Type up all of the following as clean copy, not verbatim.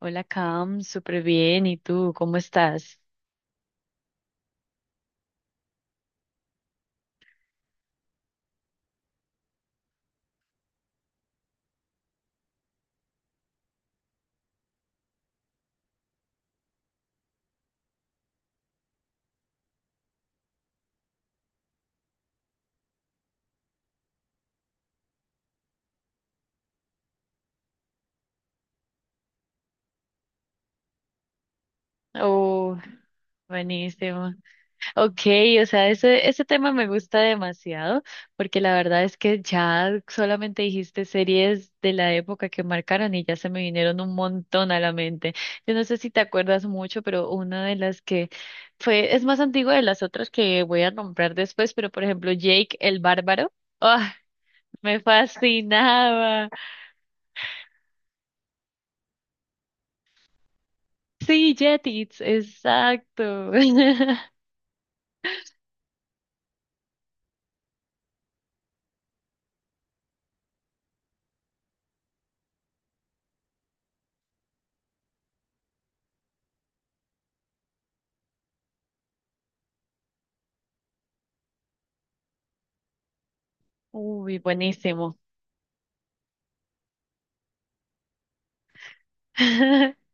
Hola, Cam, súper bien. ¿Y tú, cómo estás? Oh, buenísimo. Ok, o sea, ese tema me gusta demasiado porque la verdad es que ya solamente dijiste series de la época que marcaron y ya se me vinieron un montón a la mente. Yo no sé si te acuerdas mucho, pero una de las que fue, es más antigua de las otras que voy a nombrar después, pero por ejemplo, Jake el Bárbaro. ¡Ah! Me fascinaba. Sí, Jetix, exacto. Uy, buenísimo.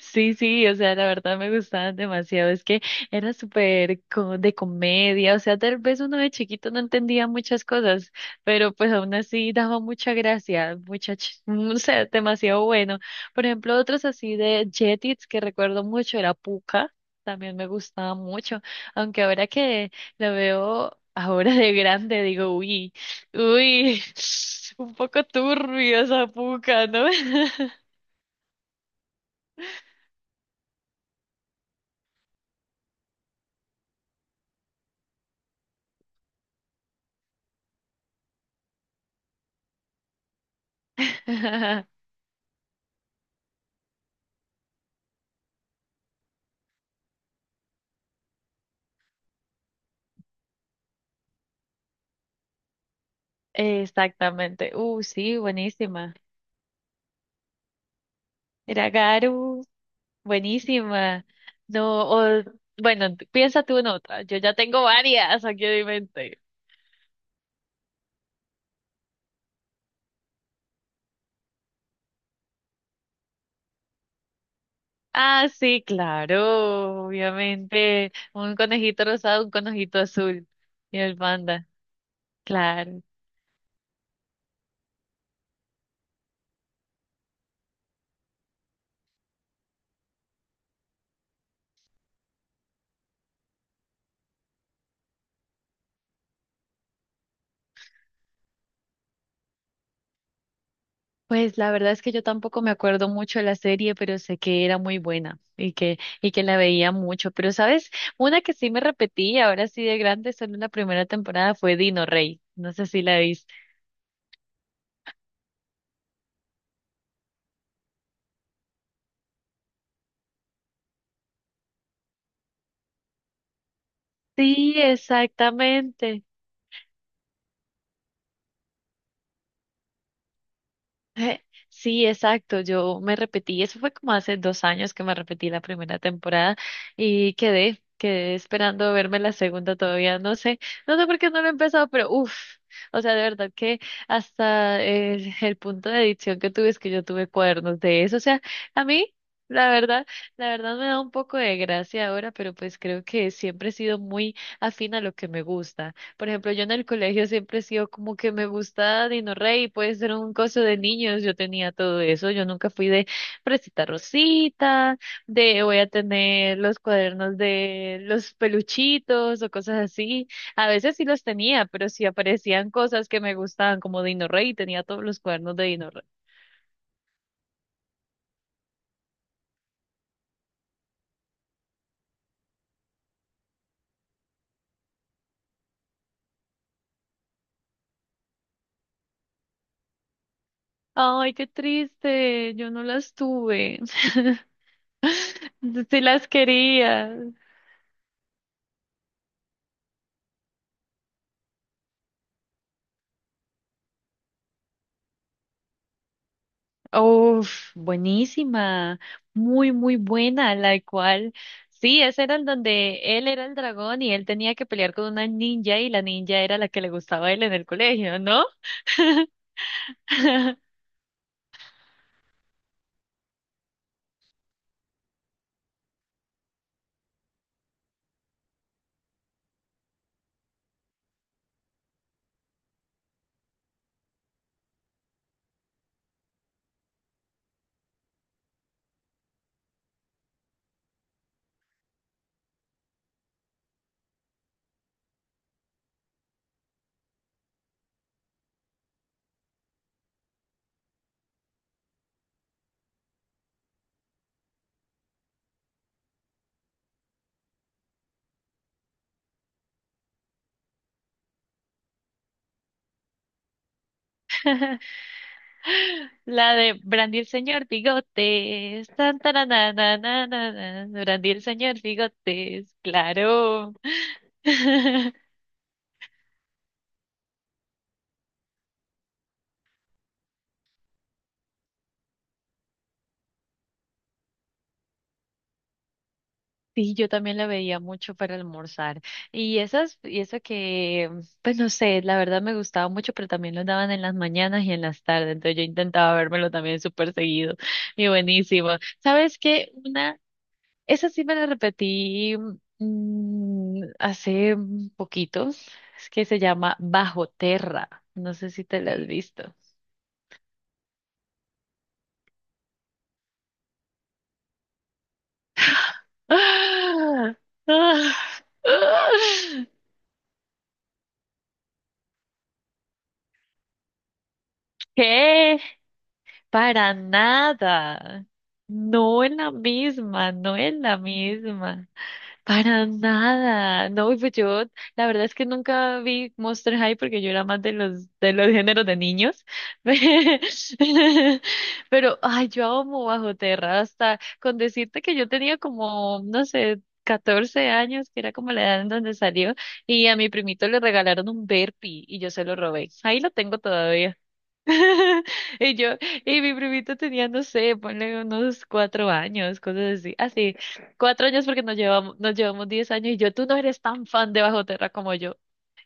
Sí, sí, o sea, la verdad me gustaban demasiado. Es que era súper de comedia, o sea, tal vez uno de chiquito no entendía muchas cosas, pero pues aún así daba mucha gracia, mucha, o sea, demasiado bueno. Por ejemplo, otros así de Jetix que recuerdo mucho era Pucca, también me gustaba mucho, aunque ahora que la veo ahora de grande digo, uy, uy, un poco turbio esa Pucca, ¿no? Exactamente. Sí, buenísima. Era Garu, buenísima. No, o, bueno, piensa tú en otra. Yo ya tengo varias aquí en mi mente. Ah, sí, claro, obviamente. Un conejito rosado, un conejito azul. Y el panda, claro. Pues la verdad es que yo tampoco me acuerdo mucho de la serie, pero sé que era muy buena y que la veía mucho. Pero, ¿sabes? Una que sí me repetí, ahora sí de grande, solo en la primera temporada fue Dino Rey. No sé si la viste. Sí, exactamente. Eh, Sí, exacto. Yo me repetí, eso fue como hace 2 años que me repetí la primera temporada y quedé esperando verme la segunda todavía. No sé, no sé por qué no lo he empezado, pero uff, o sea, de verdad que hasta el punto de adicción que tuve es que yo tuve cuadernos de eso. O sea, a mí, la verdad, la verdad me da un poco de gracia ahora, pero pues creo que siempre he sido muy afín a lo que me gusta. Por ejemplo, yo en el colegio siempre he sido como que me gusta Dino Rey, puede ser un coso de niños, yo tenía todo eso, yo nunca fui de Fresita Rosita, de voy a tener los cuadernos de los peluchitos o cosas así. A veces sí los tenía, pero sí aparecían cosas que me gustaban como Dino Rey, tenía todos los cuadernos de Dino Rey. Ay, qué triste, yo no las tuve. Sí las quería. Uf, buenísima, muy, muy buena, la cual, sí, ese era el donde él era el dragón y él tenía que pelear con una ninja y la ninja era la que le gustaba a él en el colegio, ¿no? La de Brandy el señor Bigotes, tan, taranana, na, Brandy el señor Bigotes, claro. Sí, yo también la veía mucho para almorzar. Y esas, y eso que, pues no sé, la verdad me gustaba mucho, pero también lo daban en las mañanas y en las tardes. Entonces yo intentaba vérmelo también súper seguido. Y buenísimo. ¿Sabes qué? Una, esa sí me la repetí hace un poquito. Es que se llama Bajo Terra. No sé si te la has visto. ¡Ah! ¡Ah! ¡Ah! ¿Qué? Para nada. No es la misma, no es la misma. Para nada. No, y pues yo, la verdad es que nunca vi Monster High porque yo era más de de los géneros de niños. Pero, ay, yo amo Bajo Tierra, hasta con decirte que yo tenía como, no sé, 14 años, que era como la edad en donde salió, y a mi primito le regalaron un Berpi y yo se lo robé. Ahí lo tengo todavía. Y yo, y mi primito tenía, no sé, ponle unos 4 años, cosas así. Así, 4 años porque nos llevamos 10 años y yo, tú no eres tan fan de Bajo Terra como yo.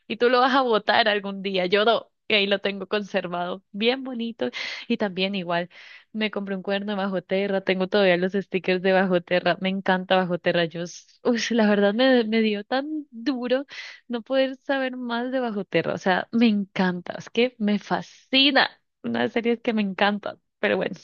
Y tú lo vas a botar algún día. Yo no. Y ahí lo tengo conservado, bien bonito. Y también igual, me compré un cuerno de Bajo Terra, tengo todavía los stickers de Bajo Terra, me encanta Bajo Terra. Yo, uy, la verdad me dio tan duro no poder saber más de Bajo Terra. O sea, me encanta, es que me fascina. Una de las series que me encanta, pero bueno,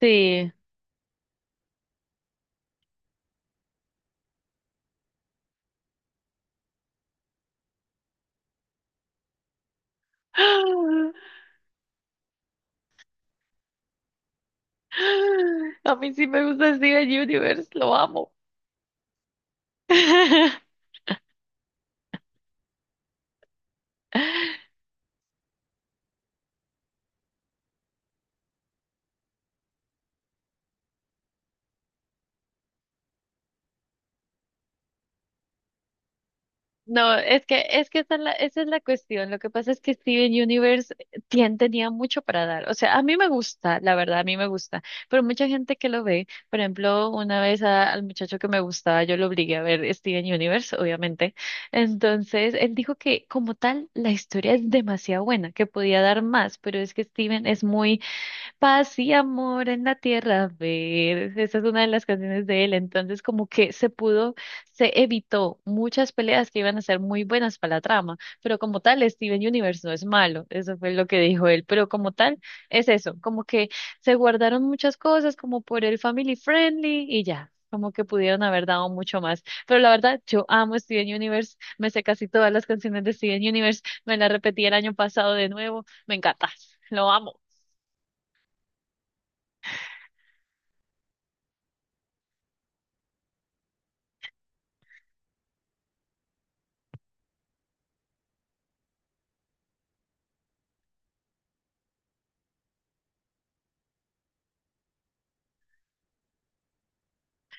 sí. A mí sí me gusta Steven Universe, lo amo. No, es que esa es la cuestión. Lo que pasa es que Steven Universe tenía mucho para dar. O sea, a mí me gusta, la verdad, a mí me gusta. Pero mucha gente que lo ve, por ejemplo, una vez al muchacho que me gustaba, yo lo obligué a ver Steven Universe, obviamente. Entonces, él dijo que como tal, la historia es demasiado buena, que podía dar más, pero es que Steven es muy paz y amor en la tierra, a ver. Esa es una de las canciones de él. Entonces, como que se pudo, se evitó muchas peleas que iban a ser muy buenas para la trama. Pero como tal, Steven Universe no es malo. Eso fue lo que dijo él. Pero como tal, es eso. Como que se guardaron muchas cosas, como por el family friendly y ya. Como que pudieron haber dado mucho más. Pero la verdad, yo amo Steven Universe. Me sé casi todas las canciones de Steven Universe. Me las repetí el año pasado de nuevo. Me encanta. Lo amo.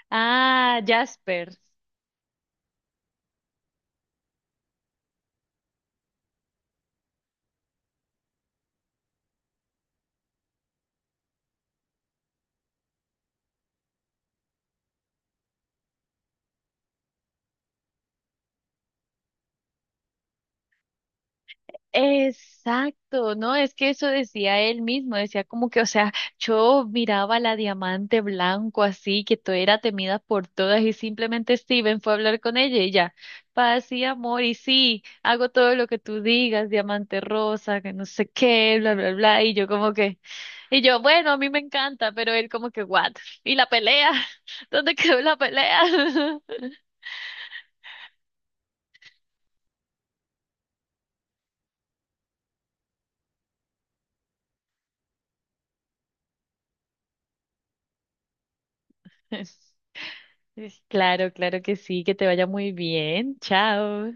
Ah, Jasper. Exacto, no, es que eso decía él mismo, decía como que, o sea, yo miraba la diamante blanco así, que todo era temida por todas y simplemente Steven fue a hablar con ella y ya, paz y amor y sí, hago todo lo que tú digas, diamante rosa, que no sé qué, bla, bla, bla, y yo como que, y yo, bueno, a mí me encanta, pero él como que, what, y la pelea, ¿dónde quedó la pelea? Claro, claro que sí, que te vaya muy bien. Chao.